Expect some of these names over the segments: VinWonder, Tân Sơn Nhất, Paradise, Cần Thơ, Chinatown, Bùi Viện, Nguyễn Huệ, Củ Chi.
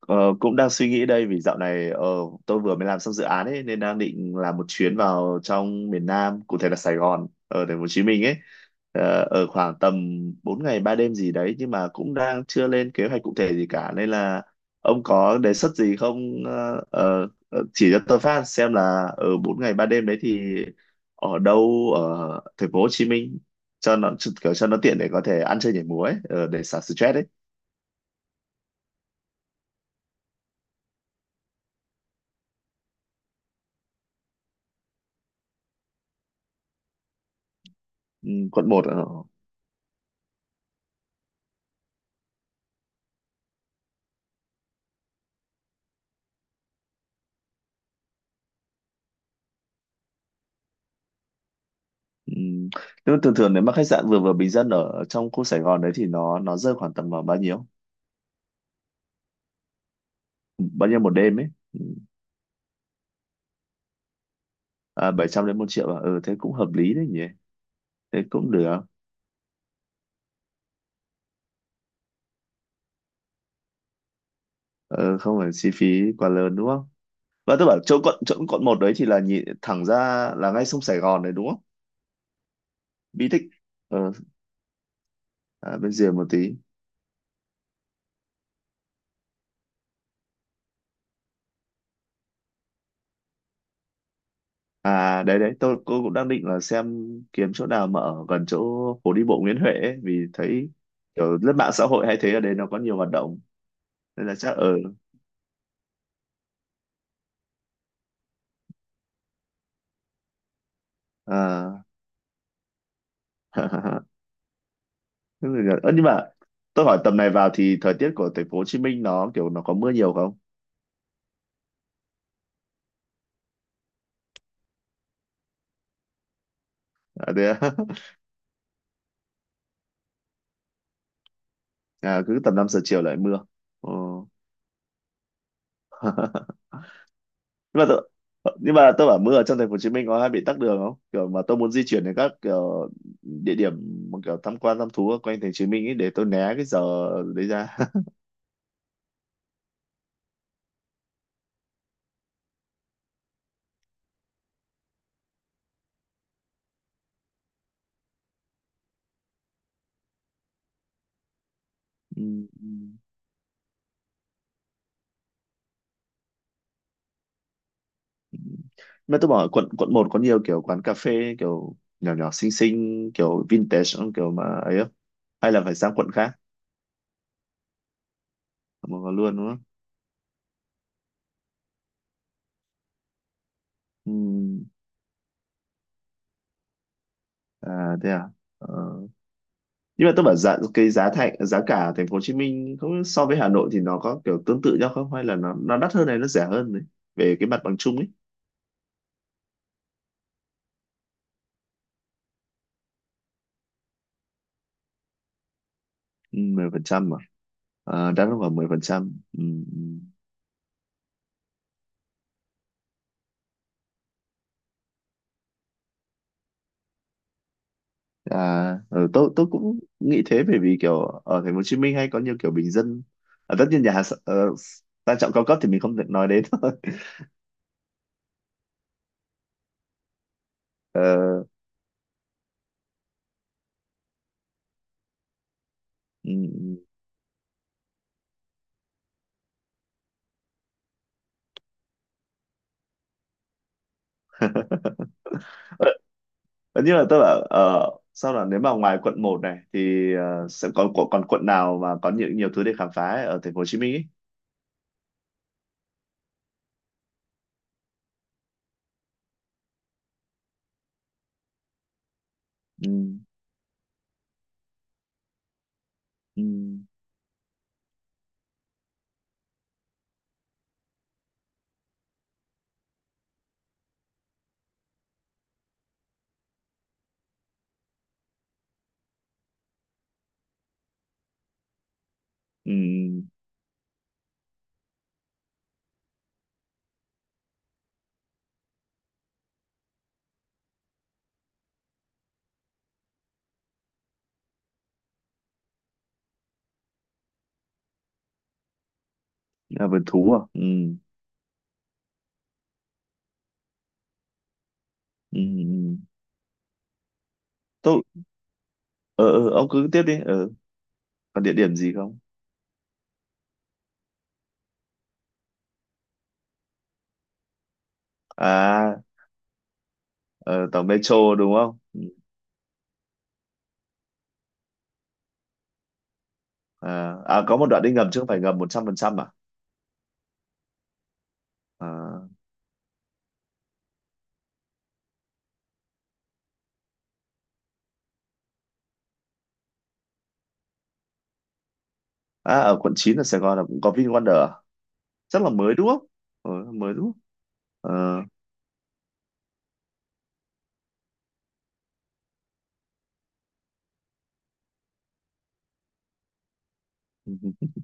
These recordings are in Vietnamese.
Ờ, Cũng đang suy nghĩ đây vì dạo này tôi vừa mới làm xong dự án ấy nên đang định làm một chuyến vào trong miền Nam, cụ thể là Sài Gòn, ở thành phố Hồ Chí Minh ấy. Ở khoảng tầm 4 ngày 3 đêm gì đấy, nhưng mà cũng đang chưa lên kế hoạch cụ thể gì cả, nên là ông có đề xuất gì không? Ờ, chỉ cho tôi phát xem là ở 4 ngày 3 đêm đấy thì ở đâu ở thành phố Hồ Chí Minh cho nó, kiểu cho nó tiện để có thể ăn chơi nhảy múa ấy, để xả stress ấy. Ừ, quận một. Ừm, Nhưng mà thường thường nếu mà khách sạn vừa vừa bình dân ở trong khu Sài Gòn đấy thì nó rơi khoảng tầm vào bao nhiêu? Ừ, bao nhiêu một đêm ấy? À, 700 đến 1.000.000 à? Ừ, thế cũng hợp lý đấy nhỉ? Thế cũng được. Ừ, không phải chi phí quá lớn đúng không? Và tôi bảo chỗ quận, quận một đấy thì là nhìn thẳng ra là ngay sông Sài Gòn đấy đúng không? Bí tích. Ừ, à, bên rìa một tí. À đấy đấy, tôi cô cũng đang định là xem kiếm chỗ nào mà ở gần chỗ phố đi bộ Nguyễn Huệ ấy, vì thấy kiểu lướt mạng xã hội hay thấy ở đây nó có nhiều hoạt động, nên là chắc ở à, thế thì là- ơ, nhưng mà tôi hỏi tầm này vào thì thời tiết của thành phố Hồ Chí Minh nó kiểu nó có mưa nhiều không? À, thế à? À, cứ tầm 5 giờ chiều lại mưa. Ờ. nhưng mà tôi nhưng mà tôi bảo mưa ở trong thành phố Hồ Chí Minh có hay bị tắc đường không, kiểu mà tôi muốn di chuyển đến các kiểu địa điểm mà kiểu tham quan thăm thú ở quanh thành phố Hồ Chí Minh ấy, để tôi né cái giờ đấy ra. Ừ, ừ, ừ. Mà tôi bảo quận, một có nhiều kiểu quán cà phê kiểu nhỏ nhỏ xinh xinh kiểu vintage không? Kiểu mà ấy không? Hay là phải sang quận khác? Mà có luôn đúng không? Ừ, à thế à. Ờ, nhưng mà tôi bảo giá, cái giá thành, giá cả ở thành phố Hồ Chí Minh không, so với Hà Nội thì nó có kiểu tương tự nhau không, hay là nó đắt hơn này, nó rẻ hơn này, về cái mặt bằng chung ấy? Ừ, 10% mà. À, đắt hơn khoảng 10%. Ừ. Ừ. À ừ, tôi cũng nghĩ thế, bởi vì kiểu ở thành phố Hồ Chí Minh hay có nhiều kiểu bình dân. À, tất nhiên nhà hàng sang trọng cao cấp thì mình không thể nói đến. Thôi. Ờ, ừ, ừ. Nhưng mà tức là sao là nếu mà ngoài quận một này thì sẽ còn, còn quận nào mà có nhiều, thứ để khám phá ấy ở thành phố Hồ Chí Minh ấy? Ừ, ừ, ừ, là vườn thú à? Ừ, ừ, ừ. Tôi, ờ, ông cứ tiếp đi. Ờ, còn địa điểm gì không? À, ờ, tàu metro đúng không? Ừ. À, à, có một đoạn đi ngầm chứ không phải ngầm 100% à? À, à, ở quận 9 ở Sài Gòn là cũng có VinWonder à? Chắc là mới đúng không? Ờ, mới đúng không? Ờ.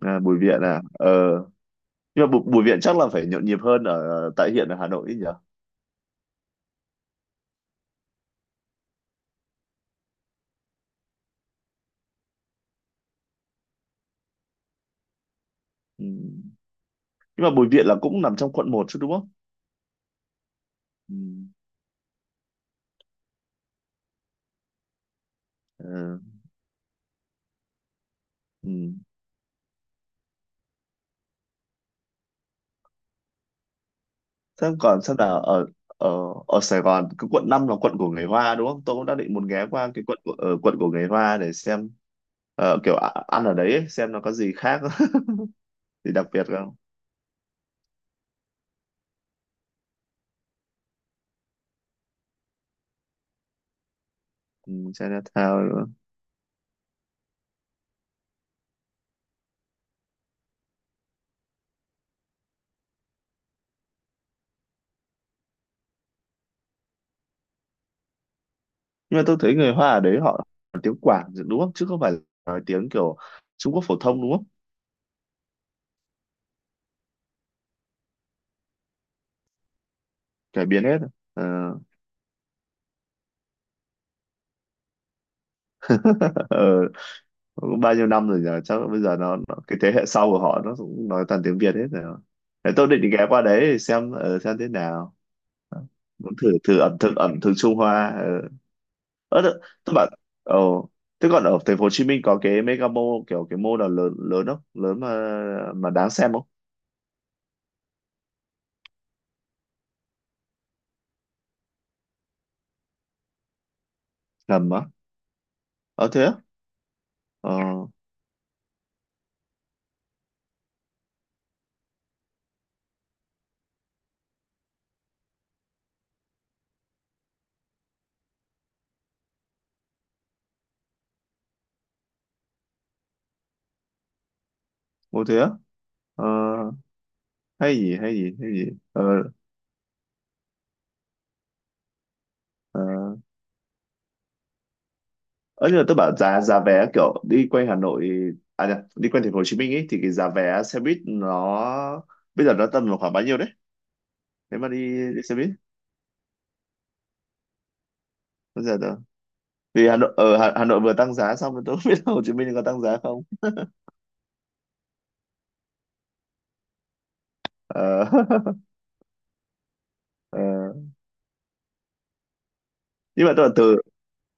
À, Bùi Viện à? Ờ, nhưng mà Bùi Viện chắc là phải nhộn nhịp hơn ở tại hiện ở Hà Nội ấy nhỉ. Ừ. Nhưng mà Bùi Viện là cũng nằm trong quận một chứ đúng không? Ừ. Ừ. Ừ. Thế còn xem nào ở, ở ở Sài Gòn cái quận 5 là quận của người Hoa đúng không? Tôi cũng đã định muốn ghé qua cái quận của quận của người Hoa để xem kiểu ăn ở đấy ấy, xem nó có gì khác gì đặc biệt không. Ừ. Chinatown nữa. Nhưng mà tôi thấy người Hoa ở đấy họ nói tiếng Quảng đúng không, chứ không phải nói tiếng kiểu Trung Quốc phổ thông đúng không? Cải biến hết à? Ờ. Cũng bao nhiêu năm rồi nhờ, chắc bây giờ nó cái thế hệ sau của họ nó cũng nói toàn tiếng Việt hết rồi. Thế tôi định ghé qua đấy để xem xem thế nào, muốn thử, ẩm thực, Trung Hoa. Ờ tôi bảo, ồ, thế còn ở thành phố Hồ Chí Minh có cái mega mall, kiểu cái mall nào lớn lớn không, lớn mà đáng xem không? Ngầm á? Ờ thế á? Ờ. Ô thế á? Ờ. Hay gì. Ờ. Ờ. Ờ, nhưng mà tôi bảo giá, vé kiểu đi quanh Hà Nội, à nhờ, đi quanh thành phố Hồ Chí Minh ấy, thì cái giá vé xe buýt nó bây giờ nó tầm vào khoảng bao nhiêu đấy, nếu mà đi, đi xe buýt? Bây giờ tôi, vì Hà Nội ở Hà, Nội vừa tăng giá xong rồi, tôi không biết là Hồ Chí Minh có tăng giá không. Ờ. Ờ. Nhưng mà tôi bảo từ,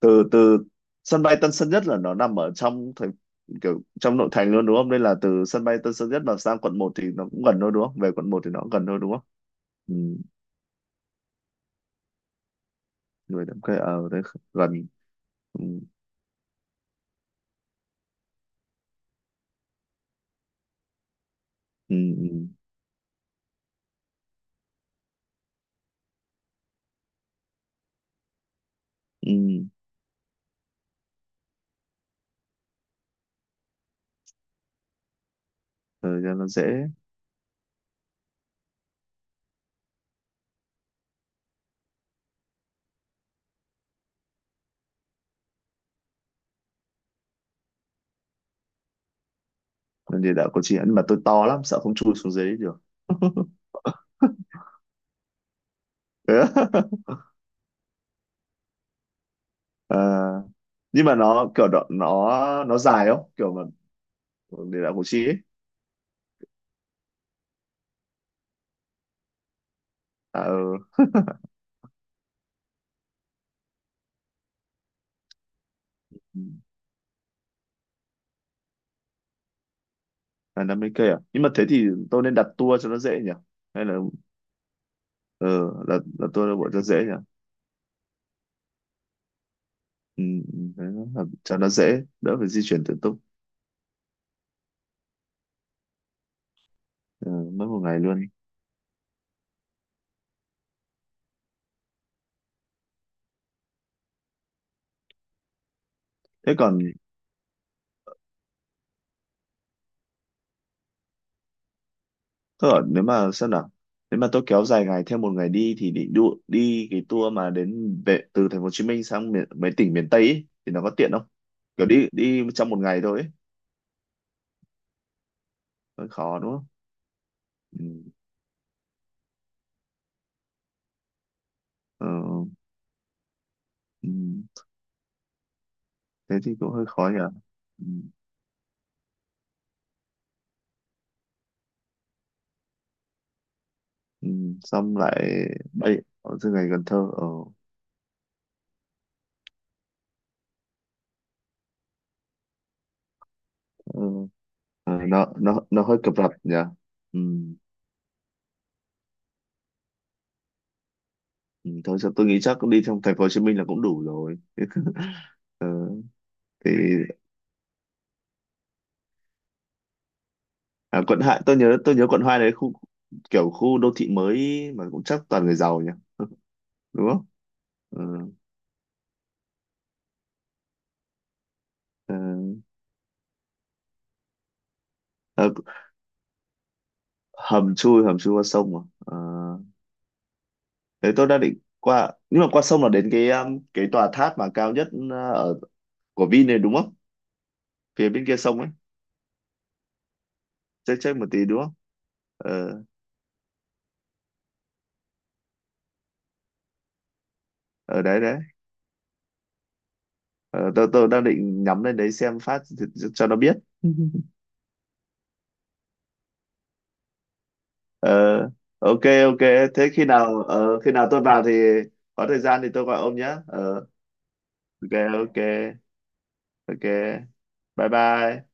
từ sân bay Tân Sơn Nhất là nó nằm ở trong thành, kiểu trong nội thành luôn đúng không, nên là từ sân bay Tân Sơn Nhất mà sang quận một thì nó cũng gần thôi đúng không, về quận một thì nó cũng gần thôi đúng không? Ừ, người đám cưới ở đấy gần. Ừ, ừ, ừ. Ừ, thời gian nó dễ. Nên địa đạo Củ Chi, nhưng mà tôi to lắm, sợ không chui xuống dưới được. Ờ, nhưng mà nó kiểu độ, nó dài không kiểu mà địa đạo Củ Chi ấy? À, ừ, là 50 cây à? Nhưng mà thế thì tôi nên đặt tour cho nó dễ nhỉ, hay là ờ là, tour nội bộ cho dễ nhỉ. Ừ, ừ, thế nó là, cho nó dễ đỡ phải di chuyển tự túc. Ừ, mất một ngày luôn. Thế còn. Thế ở nếu mà xem nào, nếu mà tôi kéo dài ngày theo một ngày đi thì định đi cái tour mà đến về từ thành phố Hồ Chí Minh sang miền, mấy tỉnh miền Tây ấy, thì nó có tiện không, kiểu đi, trong một ngày thôi ấy. Hơi khó đúng không? Ừ. Ờ, ừ. Thế thì cũng hơi khó nhỉ. Ừ. Ừ. Xong lại bay ở từ ngày Cần Thơ. Ờ. Ờ. Ờ, nó nó hơi cập rập nhỉ. Ừ. Ừ. Thôi sao tôi nghĩ chắc đi trong thành phố Hồ Chí Minh là cũng đủ rồi. Ờ. Thì. À, quận hai, tôi nhớ, quận hai đấy khu, kiểu khu đô thị mới mà cũng chắc toàn người giàu nhỉ. Đúng không? Ừ. Ờ, ờ, hầm chui, qua sông mà. Ờ, đấy tôi đang định qua, nhưng mà qua sông là đến cái tòa tháp mà cao nhất ở của Vin này đúng không, phía bên kia sông ấy? Check check một tí đúng không? Ờ, ở đấy đấy. Ờ, tôi đang định nhắm lên đấy xem phát thì- cho nó biết. Ờ, ok ok. Thế khi nào khi nào tôi vào thì có thời gian thì tôi gọi ông nhé. Ờ, ok. ok ok. Bye bye.